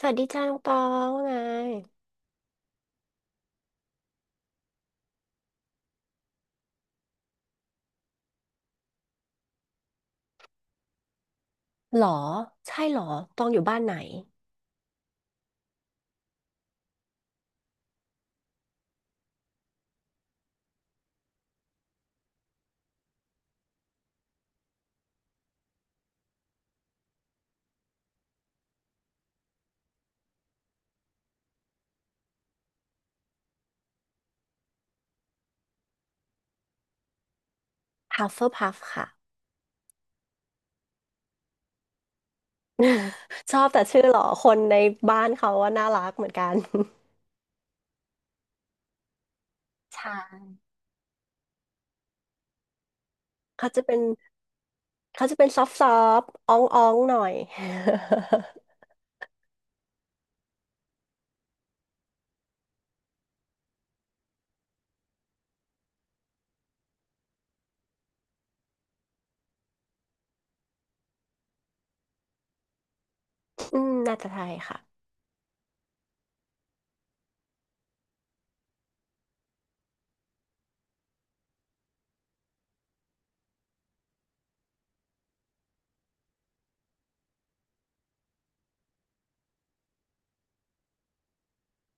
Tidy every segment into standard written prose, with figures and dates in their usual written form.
สวัสดีจ้าน้องตองว่าไงหรอใช่หรอตองอยู่บ้านไหน h ัฟเฟอร์พัฟค่ะ ชอบแต่ชื่อหรอคนในบ้านเขาว่าน่ารักเหมือนกัน ใช่เขาจะเป็นเขาจะเป็นซอฟซอฟอ้องอ้องๆหน่อย อืมน่าจะไทยค่ะ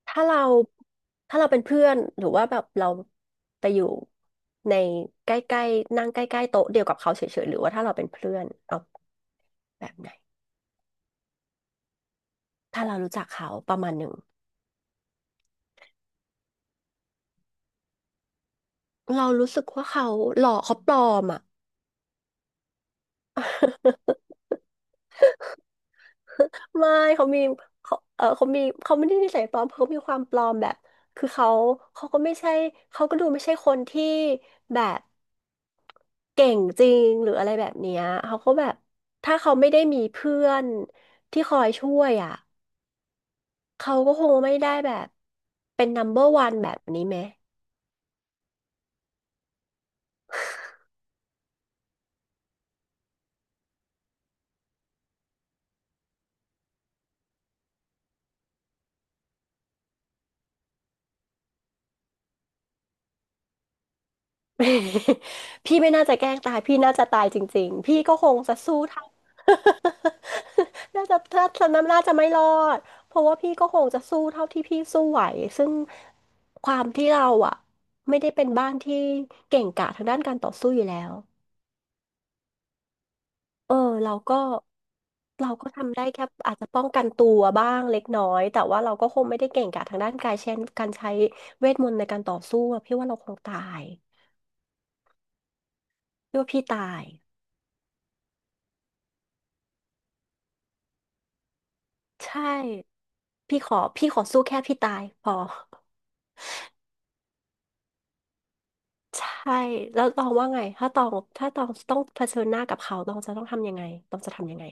ถ้าเราถ้าเราเป็นเพื่อนหรือว่าแบบเราไปอยู่ในใกล้ๆนั่งใกล้ๆโต๊ะเดียวกับเขาเฉยๆหรือว่าถ้าเราเป็นเพื่อนเอาแบบไหนถ้าเรารู้จักเขาประมาณหนึ่ง เรารู้สึกว่าเขาหล่อเขาปลอมอ่ะ ไม่เขามีเขาเขามีเขาไม่ได้นิสัยปลอมเขามีความปลอมแบบคือเขาเขาก็ไม่ใช่เขาก็ดูไม่ใช่คนที่แบบเก่งจริงหรืออะไรแบบเนี้ยเขาก็แบบถ้าเขาไม่ได้มีเพื่อนที่คอยช่วยอ่ะเขาก็คงไม่ได้แบบเป็นนัมเบอร r o ันแบบนี้ไหม พี่ไม่น่าจะแกล้งตาย พี่น่าจะตายจริงๆ พี่ก็คงจะสู้เท่า น่าจะถ้าฉะน้ำน่าจะไม่รอดเพราะว่าพี่ก็คงจะสู้เท่าที่พี่สู้ไหวซึ่งความที่เราอ่ะไม่ได้เป็นบ้านที่เก่งกาจทางด้านการต่อสู้อยู่แล้วเออเราก็เราก็ทำได้แค่อาจจะป้องกันตัวบ้างเล็กน้อยแต่ว่าเราก็คงไม่ได้เก่งกาจทางด้านกายเช่นการใช้เวทมนต์ในการต่อสู้อะพี่ว่าเราคงตายพี่ว่าพี่ตายใช่ พี่ขอสู้แค่พี่ตายพอ ใช่แล้วตองว่าไงถ้าตองต้องเผชิญหน้ากับเขาตองจะต้องทำยังไงตองจะทำยังไง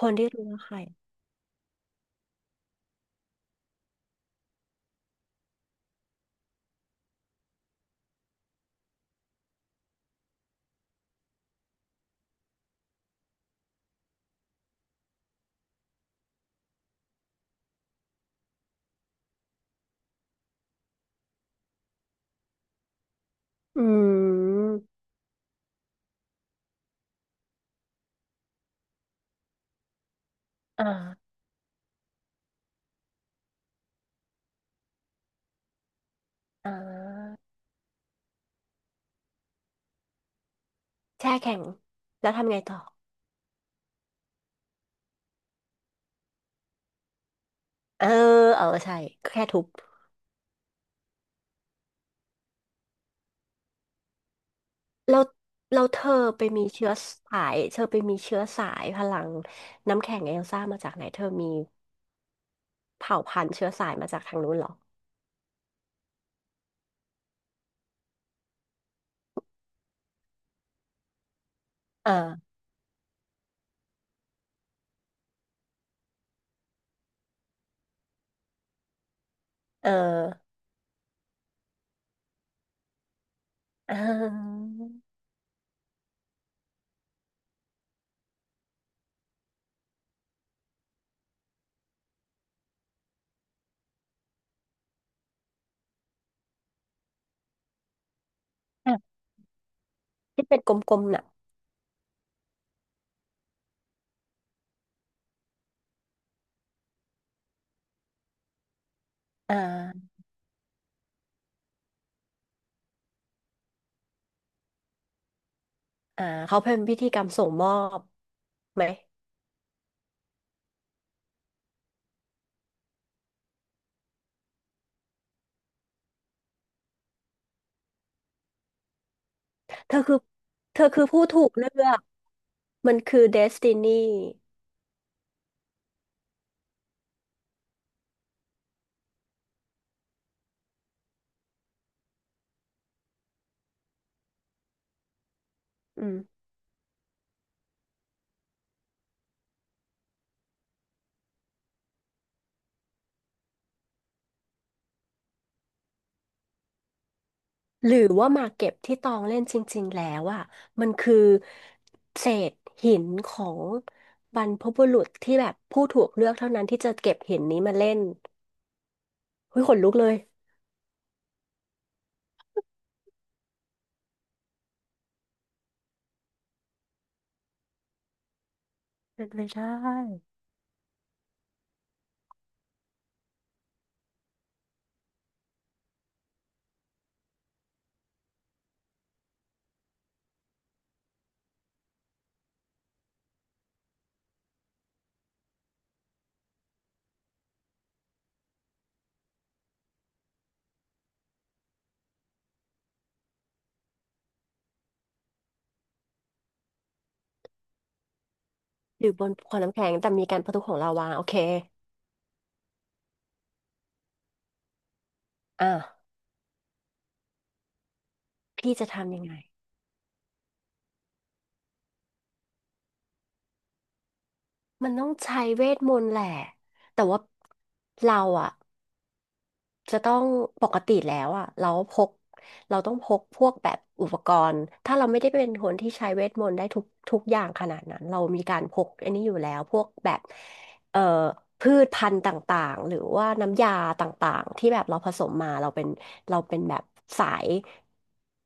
คนที่รู้ว่าใครอืมอ่าอ่าแช่แข็งแล้วทำไงต่อเออเออใช่แค่ทุบแล้วแล้วเธอเธอไปมีเชื้อสายพลังน้ำแข็งเอลซ่ามาจากไหนเธอมีเผ่าพันธุ์เชื้อสายมาจากทางนู้นเหรอเออเออเอออ่ะที่เป็นกลมๆน่ะ อ่าอ่าเขาเป็นพิธีกรรมส่งมอบไหมเธอคือเธอคือผู้ถูกเลือกมันคือเดสตินีอืมหรือว่าหมากเก็บที่ตองเล่นจริงๆแล้วอ่ะมันคือเศษหินของบรรพบุรุษที่แบบผู้ถูกเลือกเท่านั้นที่จะเก็บหินนี้มาเล่นเฮ้ยขนลุกเลยเป็นไปได้หรือบนขวดน้ำแข็งแต่มีการประทุของลาวาโอเคอ่ะพี่จะทำยังไงมันต้องใช้เวทมนต์แหละแต่ว่าเราอะ จะต้องปกติแล้วอ่ะเราพกเราต้องพกพวกแบบอุปกรณ์ถ้าเราไม่ได้เป็นคนที่ใช้เวทมนต์ได้ทุกอย่างขนาดนั้นเรามีการพกอันนี้อยู่แล้วพวกแบบเอ่อพืชพันธุ์ต่างๆหรือว่าน้ำยาต่างๆที่แบบเราผสมมาเราเป็นแบบสาย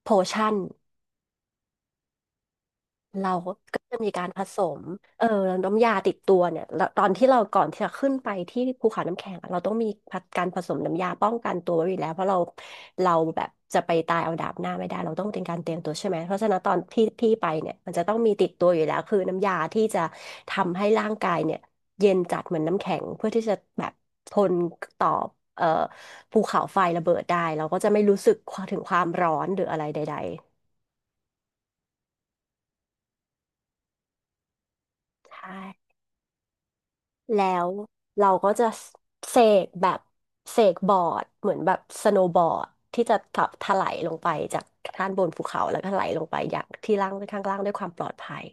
โพชั่น เราก็จะมีการผสมเออน้ำยาติดตัวเนี่ยแล้วตอนที่เราก่อนที่จะขึ้นไปที่ภูเขาน้ำแข็งอะเราต้องมีการผสมน้ำยาป้องกันตัวไว้อยู่แล้วเพราะเราแบบจะไปตายเอาดาบหน้าไม่ได้เราต้องเป็นการเตรียมตัวใช่ไหมเพราะฉะนั้นตอนที่พี่ไปเนี่ยมันจะต้องมีติดตัวอยู่แล้วคือน้ำยาที่จะทำให้ร่างกายเนี่ยเย็นจัดเหมือนน้ำแข็งเพื่อที่จะแบบทนต่อเอ่อภูเขาไฟระเบิดได้เราก็จะไม่รู้สึกถึงความร้อนหรืออะไรใดๆใช่ แล้วเราก็จะเสกแบบเสกบอร์ดเหมือนแบบสโนว์บอร์ดที่จะถลายลงไปจากด้านบนภูเขาแล้วก็ถลายลงไปอย่างที่ล่างข้างล่างด้วยความปลอดภัย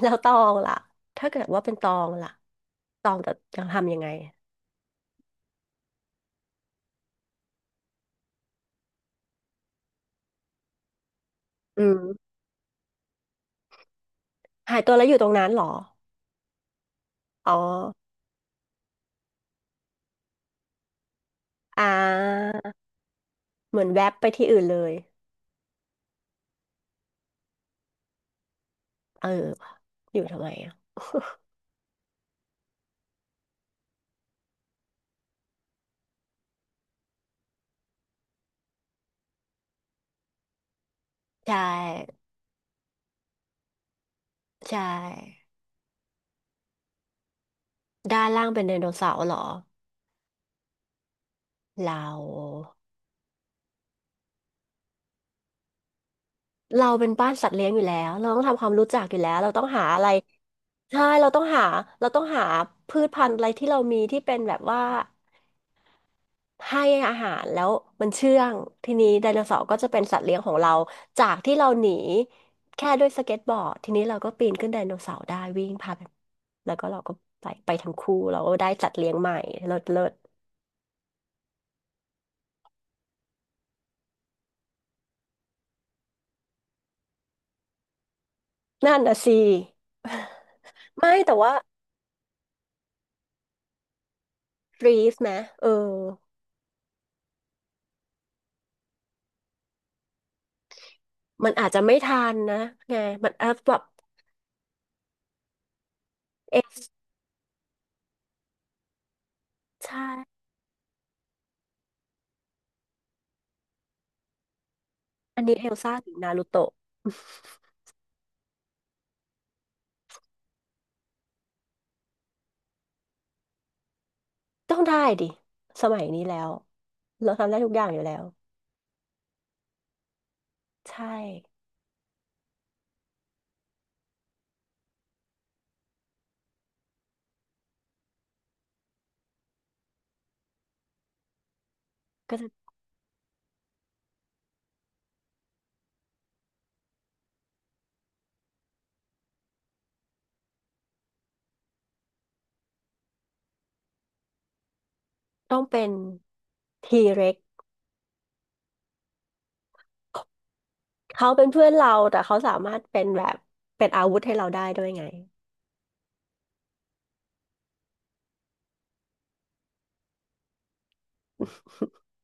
แล้วตองล่ะถ้าเกิดว่าเป็นตองล่ะตองจะยังทำยังไงอืมหายตัวแล้วอยู่ตรงนั้นเหรออ๋ออ่าเหมือนแวบไปที่อื่นเลยเอออยู่ทำไมอ่ะใช่ใช่ด้านล่างเป็นไดโนเสาร์เหรอเรา เราเป็นบ้านสัตว์เลี้ยงอยู่แล้ว เราต้องทำความรู้จักอยู่แล้ว เราต้องหาอะไรใช่เราต้องหา เราต้องหาพืชพันธุ์อะไรที่เรามีที่เป็นแบบว่าให้อาหารแล้วมันเชื่องทีนี้ไดโนเสาร์ก็จะเป็นสัตว์เลี้ยงของเราจากที่เราหนีแค่ด้วยสเก็ตบอร์ดทีนี้เราก็ปีนขึ้นไดโนเสาร์ได้วิ่งพาไปแล้วก็เราก็ไปไปทั้งคู่เราก็ได้สัตว์เลี้ยงใหม่เลิศเลิศนั่นน่ะสิไม่แต่ว่าฟรีฟนะเออมันอาจจะไม่ทันนะไงมันอาจแบบ เอลใช่อันนี้เอลซ่าหรือนารูโตะ ต้องได้ดิสมัยนี้แล้วเราทำได้ทุกอย่างอยู่แล้วใช่ก็จะต้องเป็นทีเร็กเขาเป็นเพื่อนเราแต่เขาสามารถเป็นแบบเป็นอาวุธให้เราได้ด้วยไง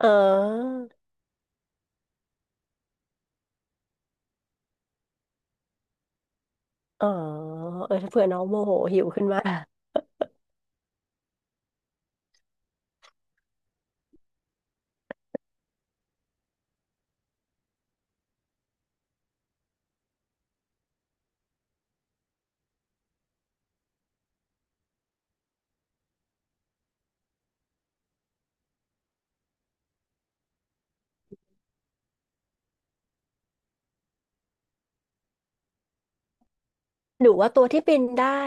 เออเออเออถ้าเผื่อน้องโมโหหิวขึ้นมา หรือว่าตัวที่บินได้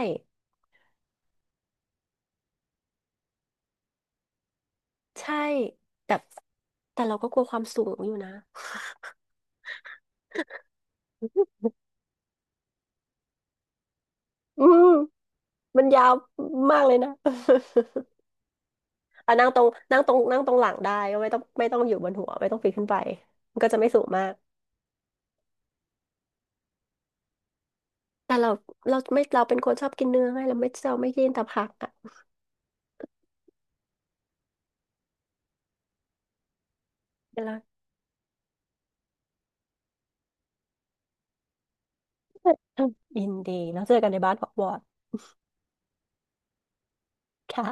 ใช่แต่แต่เราก็กลัวความสูงอยู่นะ อืมมันยาวมากเลยนะ อ่ะนั่งตรงหลังได้ก็ไม่ต้องอยู่บนหัวไม่ต้องปีนขึ้นไปมันก็จะไม่สูงมากแต่เราเราไม่เราเป็นคนชอบกินเนื้อไงเราไม่กินแต่ผักอ่ะเดี๋ยวเรา อินดีแล้วเจอกันในบ้านฮอกวอตส์ค่ะ